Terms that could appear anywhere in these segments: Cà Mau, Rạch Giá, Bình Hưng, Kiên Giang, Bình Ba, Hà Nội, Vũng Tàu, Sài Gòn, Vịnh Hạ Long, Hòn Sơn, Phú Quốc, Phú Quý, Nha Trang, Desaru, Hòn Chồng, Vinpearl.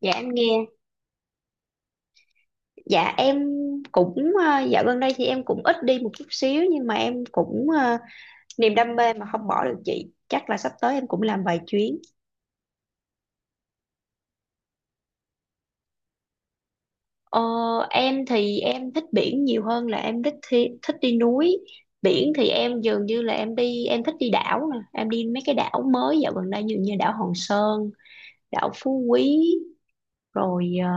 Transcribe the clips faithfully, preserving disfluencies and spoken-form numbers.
Dạ, em nghe. Dạ em cũng ờ, dạo gần đây thì em cũng ít đi một chút xíu, nhưng mà em cũng ờ, niềm đam mê mà không bỏ được chị, chắc là sắp tới em cũng làm vài chuyến. ờ, em thì em thích biển nhiều hơn là em thích thi, thích đi núi. Biển thì em dường như là em đi, em thích đi đảo nè, em đi mấy cái đảo mới dạo gần đây như như đảo Hòn Sơn, đảo Phú Quý, rồi ờ,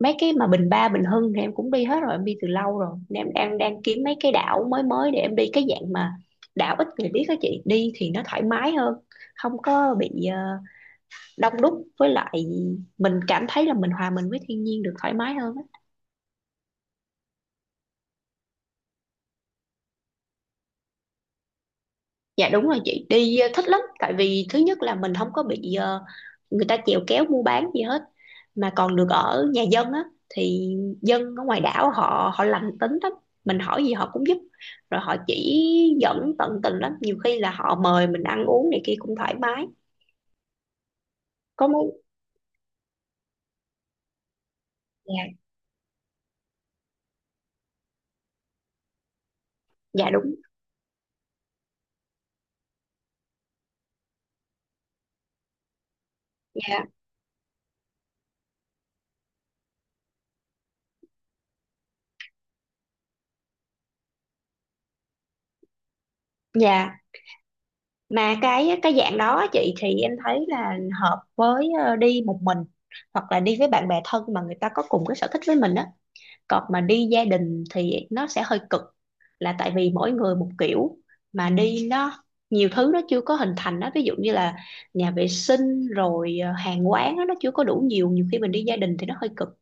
mấy cái mà Bình Ba, Bình Hưng thì em cũng đi hết rồi, em đi từ lâu rồi nên em đang đang kiếm mấy cái đảo mới mới để em đi, cái dạng mà đảo ít người biết đó chị, đi thì nó thoải mái hơn, không có bị ờ, đông đúc. Với lại mình cảm thấy là mình hòa mình với thiên nhiên được thoải mái hơn á. Dạ đúng rồi chị, đi ờ, thích lắm, tại vì thứ nhất là mình không có bị ờ, người ta chèo kéo mua bán gì hết, mà còn được ở nhà dân á. Thì dân ở ngoài đảo họ họ lành tính lắm, mình hỏi gì họ cũng giúp, rồi họ chỉ dẫn tận tình lắm, nhiều khi là họ mời mình ăn uống này kia cũng thoải mái. Có món. Dạ. Dạ đúng. Dạ. Dạ, mà cái cái dạng đó chị, thì em thấy là hợp với ờ, đi một mình hoặc là đi với bạn bè thân mà người ta có cùng cái sở thích với mình á. Còn mà đi gia đình thì nó sẽ hơi cực, là tại vì mỗi người một kiểu, mà đi nó nhiều thứ nó chưa có hình thành đó, ví dụ như là nhà vệ sinh, rồi ờ, hàng quán đó, nó chưa có đủ nhiều. Nhiều khi mình đi gia đình thì nó hơi cực.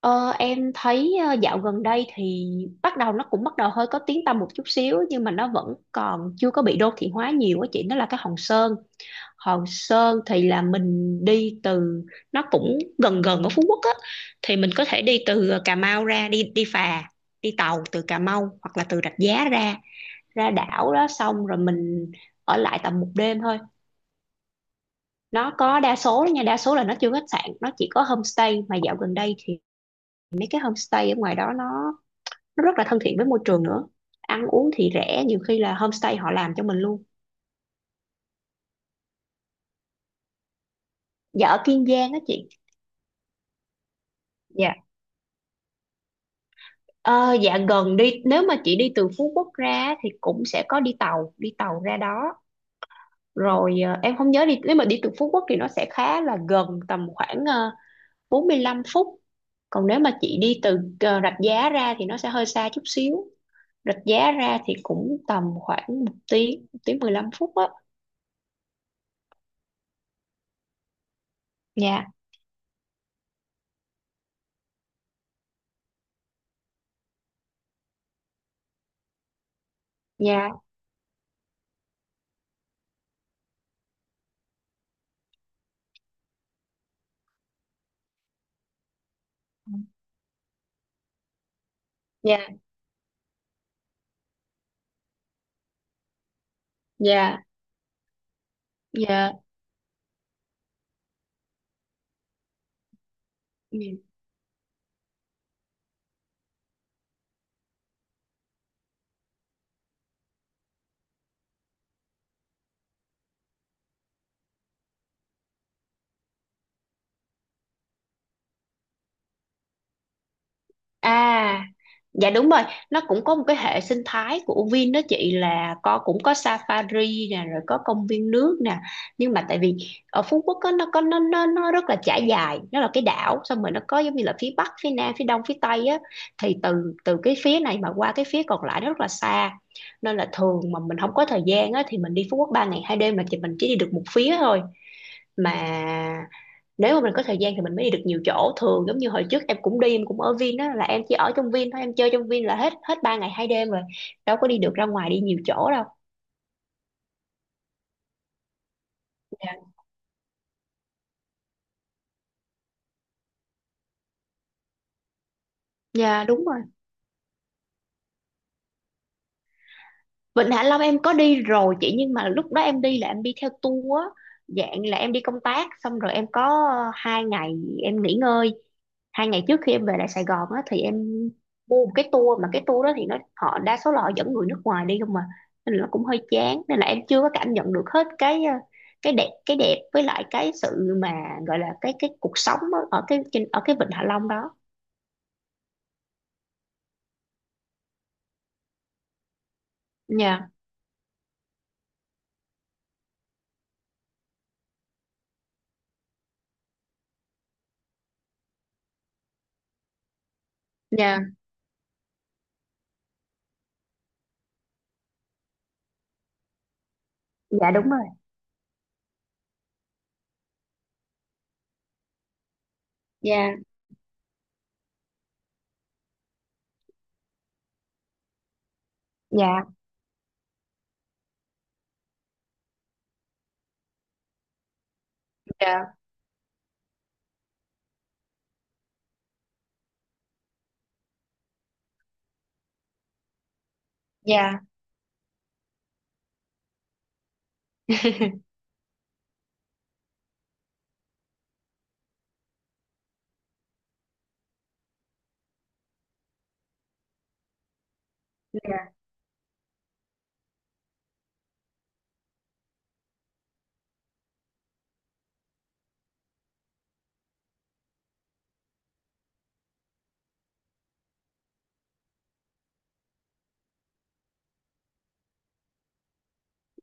Ờ, em thấy ờ, dạo gần đây thì bắt đầu nó cũng bắt đầu hơi có tiếng tăm một chút xíu, nhưng mà nó vẫn còn chưa có bị đô thị hóa nhiều á chị, nó là cái Hòn Sơn. Hòn Sơn thì là mình đi từ, nó cũng gần gần ở Phú Quốc á, thì mình có thể đi từ Cà Mau ra, đi đi phà, đi tàu từ Cà Mau hoặc là từ Rạch Giá ra, ra đảo đó. Xong rồi mình ở lại tầm một đêm thôi. Nó có đa số, nha, đa số là nó chưa có khách sạn, nó chỉ có homestay. Mà dạo gần đây thì mấy cái homestay ở ngoài đó nó nó rất là thân thiện với môi trường nữa. Ăn uống thì rẻ, nhiều khi là homestay họ làm cho mình luôn. Dạ, ở Kiên Giang á chị. Ờ, dạ gần, đi nếu mà chị đi từ Phú Quốc ra thì cũng sẽ có đi tàu, đi tàu ra đó. Rồi ờ, em không nhớ, đi nếu mà đi từ Phú Quốc thì nó sẽ khá là gần, tầm khoảng ờ, bốn lăm phút. Còn nếu mà chị đi từ ờ, Rạch Giá ra thì nó sẽ hơi xa chút xíu. Rạch Giá ra thì cũng tầm khoảng một tiếng, một tiếng mười lăm phút á. Dạ. Dạ. Dạ. dạ dạ dạ. À. Dạ đúng rồi, nó cũng có một cái hệ sinh thái của Vin đó chị, là có, cũng có safari nè, rồi có công viên nước nè. Nhưng mà tại vì ở Phú Quốc á, nó có nó nó nó rất là trải dài, nó là cái đảo, xong rồi nó có giống như là phía bắc, phía nam, phía đông, phía tây á, thì từ từ cái phía này mà qua cái phía còn lại nó rất là xa. Nên là thường mà mình không có thời gian á, thì mình đi Phú Quốc ba ngày hai đêm là chị, mình chỉ đi được một phía thôi. Mà nếu mà mình có thời gian thì mình mới đi được nhiều chỗ. Thường giống như hồi trước em cũng đi, em cũng ở Vin á, là em chỉ ở trong Vin thôi, em chơi trong Vin là hết hết ba ngày hai đêm rồi, đâu có đi được ra ngoài đi nhiều chỗ đâu. Dạ. Dạ, đúng rồi. Vịnh Hạ Long em có đi rồi chị, nhưng mà lúc đó em đi là em đi theo tour á, dạng là em đi công tác, xong rồi em có ờ, hai ngày em nghỉ ngơi, hai ngày trước khi em về lại Sài Gòn á, thì em mua một cái tour, mà cái tour đó thì nó, họ đa số là họ dẫn người nước ngoài đi không mà, nên là nó cũng hơi chán. Nên là em chưa có cảm nhận được hết cái ờ, cái đẹp, cái đẹp với lại cái sự mà gọi là cái cái cuộc sống á, ở cái trên ở cái Vịnh Hạ Long đó. Dạ. Dạ. Dạ đúng rồi. Dạ. Dạ. Dạ. Dạ.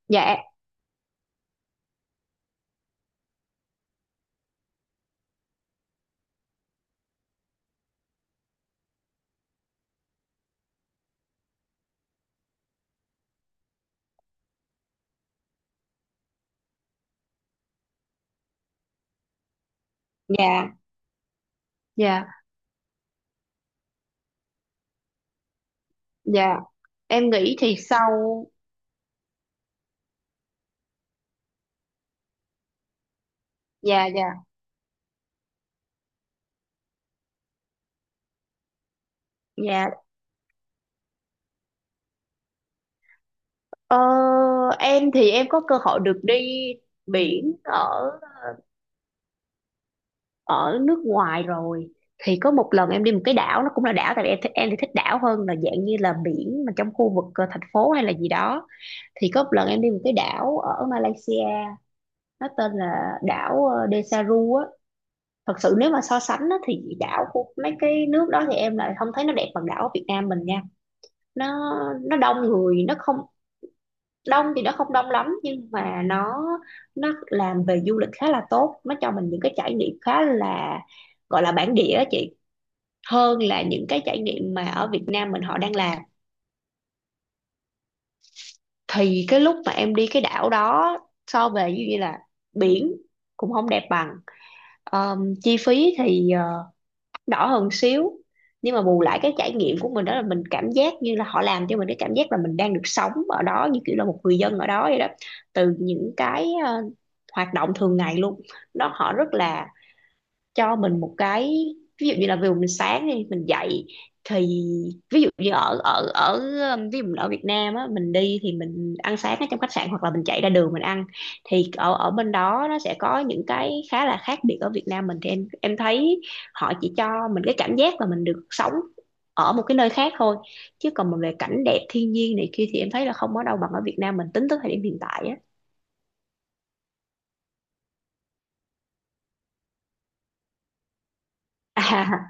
Dạ. Dạ. Dạ. Dạ, em nghĩ thì sau. Dạ. Dạ. Dạ. Ờ, em thì em có cơ hội được đi biển ở ở nước ngoài rồi. Thì có một lần em đi một cái đảo, nó cũng là đảo, tại vì em thích em thì thích đảo hơn là dạng như là biển mà trong khu vực ờ, thành phố hay là gì đó. Thì có một lần em đi một cái đảo ở Malaysia, nó tên là đảo ờ, Desaru á. Thật sự nếu mà so sánh á, thì đảo của mấy cái nước đó thì em lại không thấy nó đẹp bằng đảo ở Việt Nam mình nha. Nó nó đông người, nó không, đông thì nó không đông lắm, nhưng mà nó nó làm về du lịch khá là tốt, nó cho mình những cái trải nghiệm khá là, gọi là bản địa á chị, hơn là những cái trải nghiệm mà ở Việt Nam mình họ đang làm. Thì cái lúc mà em đi cái đảo đó, so về như vậy là biển cũng không đẹp bằng. Ờm, chi phí thì ờ, đỏ hơn xíu, nhưng mà bù lại cái trải nghiệm của mình, đó là mình cảm giác như là họ làm cho mình cái cảm giác là mình đang được sống ở đó như kiểu là một người dân ở đó vậy đó. Từ những cái ờ, hoạt động thường ngày luôn đó, họ rất là cho mình một cái, ví dụ như là ví dụ mình sáng đi mình dậy. Thì ví dụ như ở ở ở um, ví dụ mình ở Việt Nam á, mình đi thì mình ăn sáng ở trong khách sạn hoặc là mình chạy ra đường mình ăn. Thì ở ở bên đó nó sẽ có những cái khá là khác biệt ở Việt Nam mình, thì em em thấy họ chỉ cho mình cái cảm giác là mình được sống ở một cái nơi khác thôi, chứ còn mà về cảnh đẹp thiên nhiên này kia thì em thấy là không có đâu bằng ở Việt Nam mình tính tới thời điểm hiện tại á. À.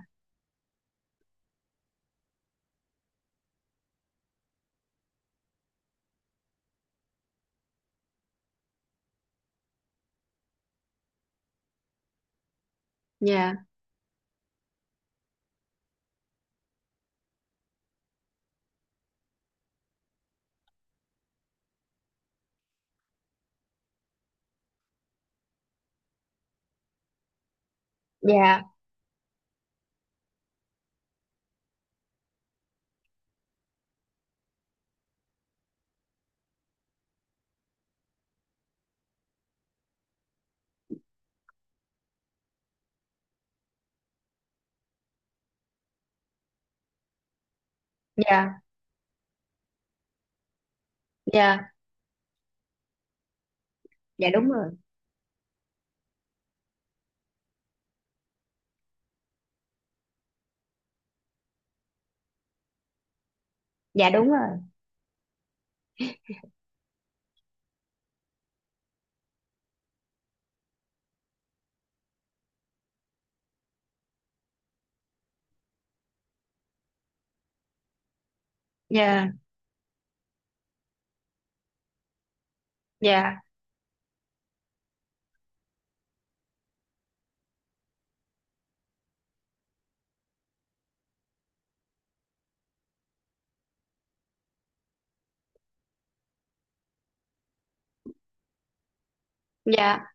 Dạ. Dạ. Dạ. Dạ dạ đúng rồi. Dạ đúng rồi. Dạ. Dạ. Dạ.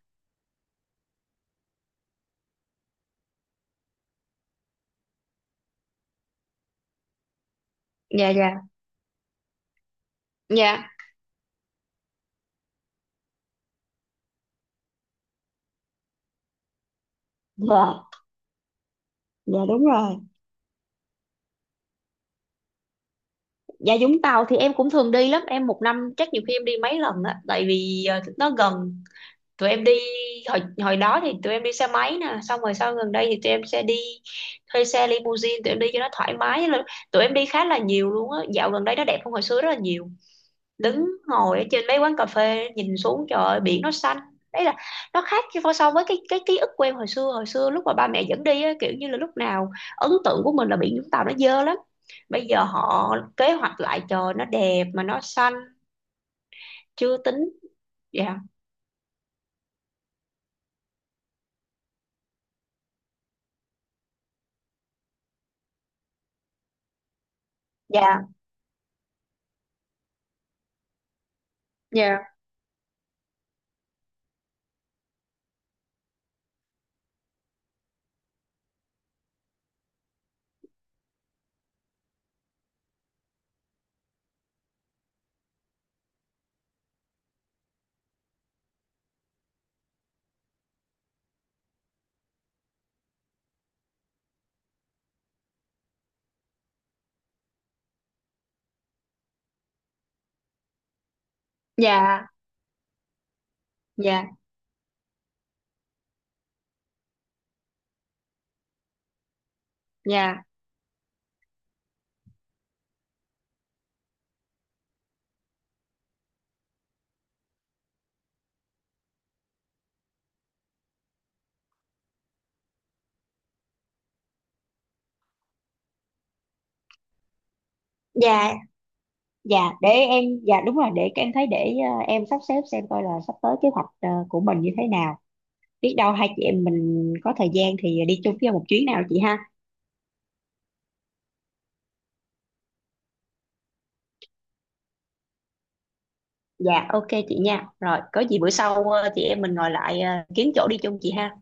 Dạ. Dạ. Dạ. Dạ, dạ đúng rồi. Dạ, Vũng Tàu thì em cũng thường đi lắm em, một năm chắc nhiều khi em đi mấy lần á, tại vì ờ, nó gần. Tụi em đi, hồi hồi đó thì tụi em đi xe máy nè, xong rồi sau gần đây thì tụi em sẽ đi thuê xe limousine tụi em đi cho nó thoải mái. Là- tụi em đi khá là nhiều luôn á, dạo gần đây nó đẹp hơn hồi xưa rất là nhiều, đứng ngồi ở trên mấy quán cà phê nhìn xuống, trời ơi, biển nó xanh. Đấy là nó khác chứ, so so với cái cái ký ức quen hồi xưa, hồi xưa lúc mà ba mẹ dẫn đi á, kiểu như là lúc nào ấn tượng của mình là biển Vũng Tàu nó dơ lắm. Bây giờ họ kế hoạch lại, trời, nó đẹp mà nó xanh. Chưa tính. Dạ. Dạ. Dạ. Dạ. Dạ. Dạ. Dạ. Dạ để em, dạ đúng rồi, để em thấy, để ờ, em sắp xếp xem coi là sắp tới kế hoạch ờ, của mình như thế nào, biết đâu hai chị em mình có thời gian thì đi chung với nhau một chuyến nào chị ha. Dạ, ok chị nha, rồi có gì bữa sau ờ, chị em mình ngồi lại ờ, kiếm chỗ đi chung chị ha.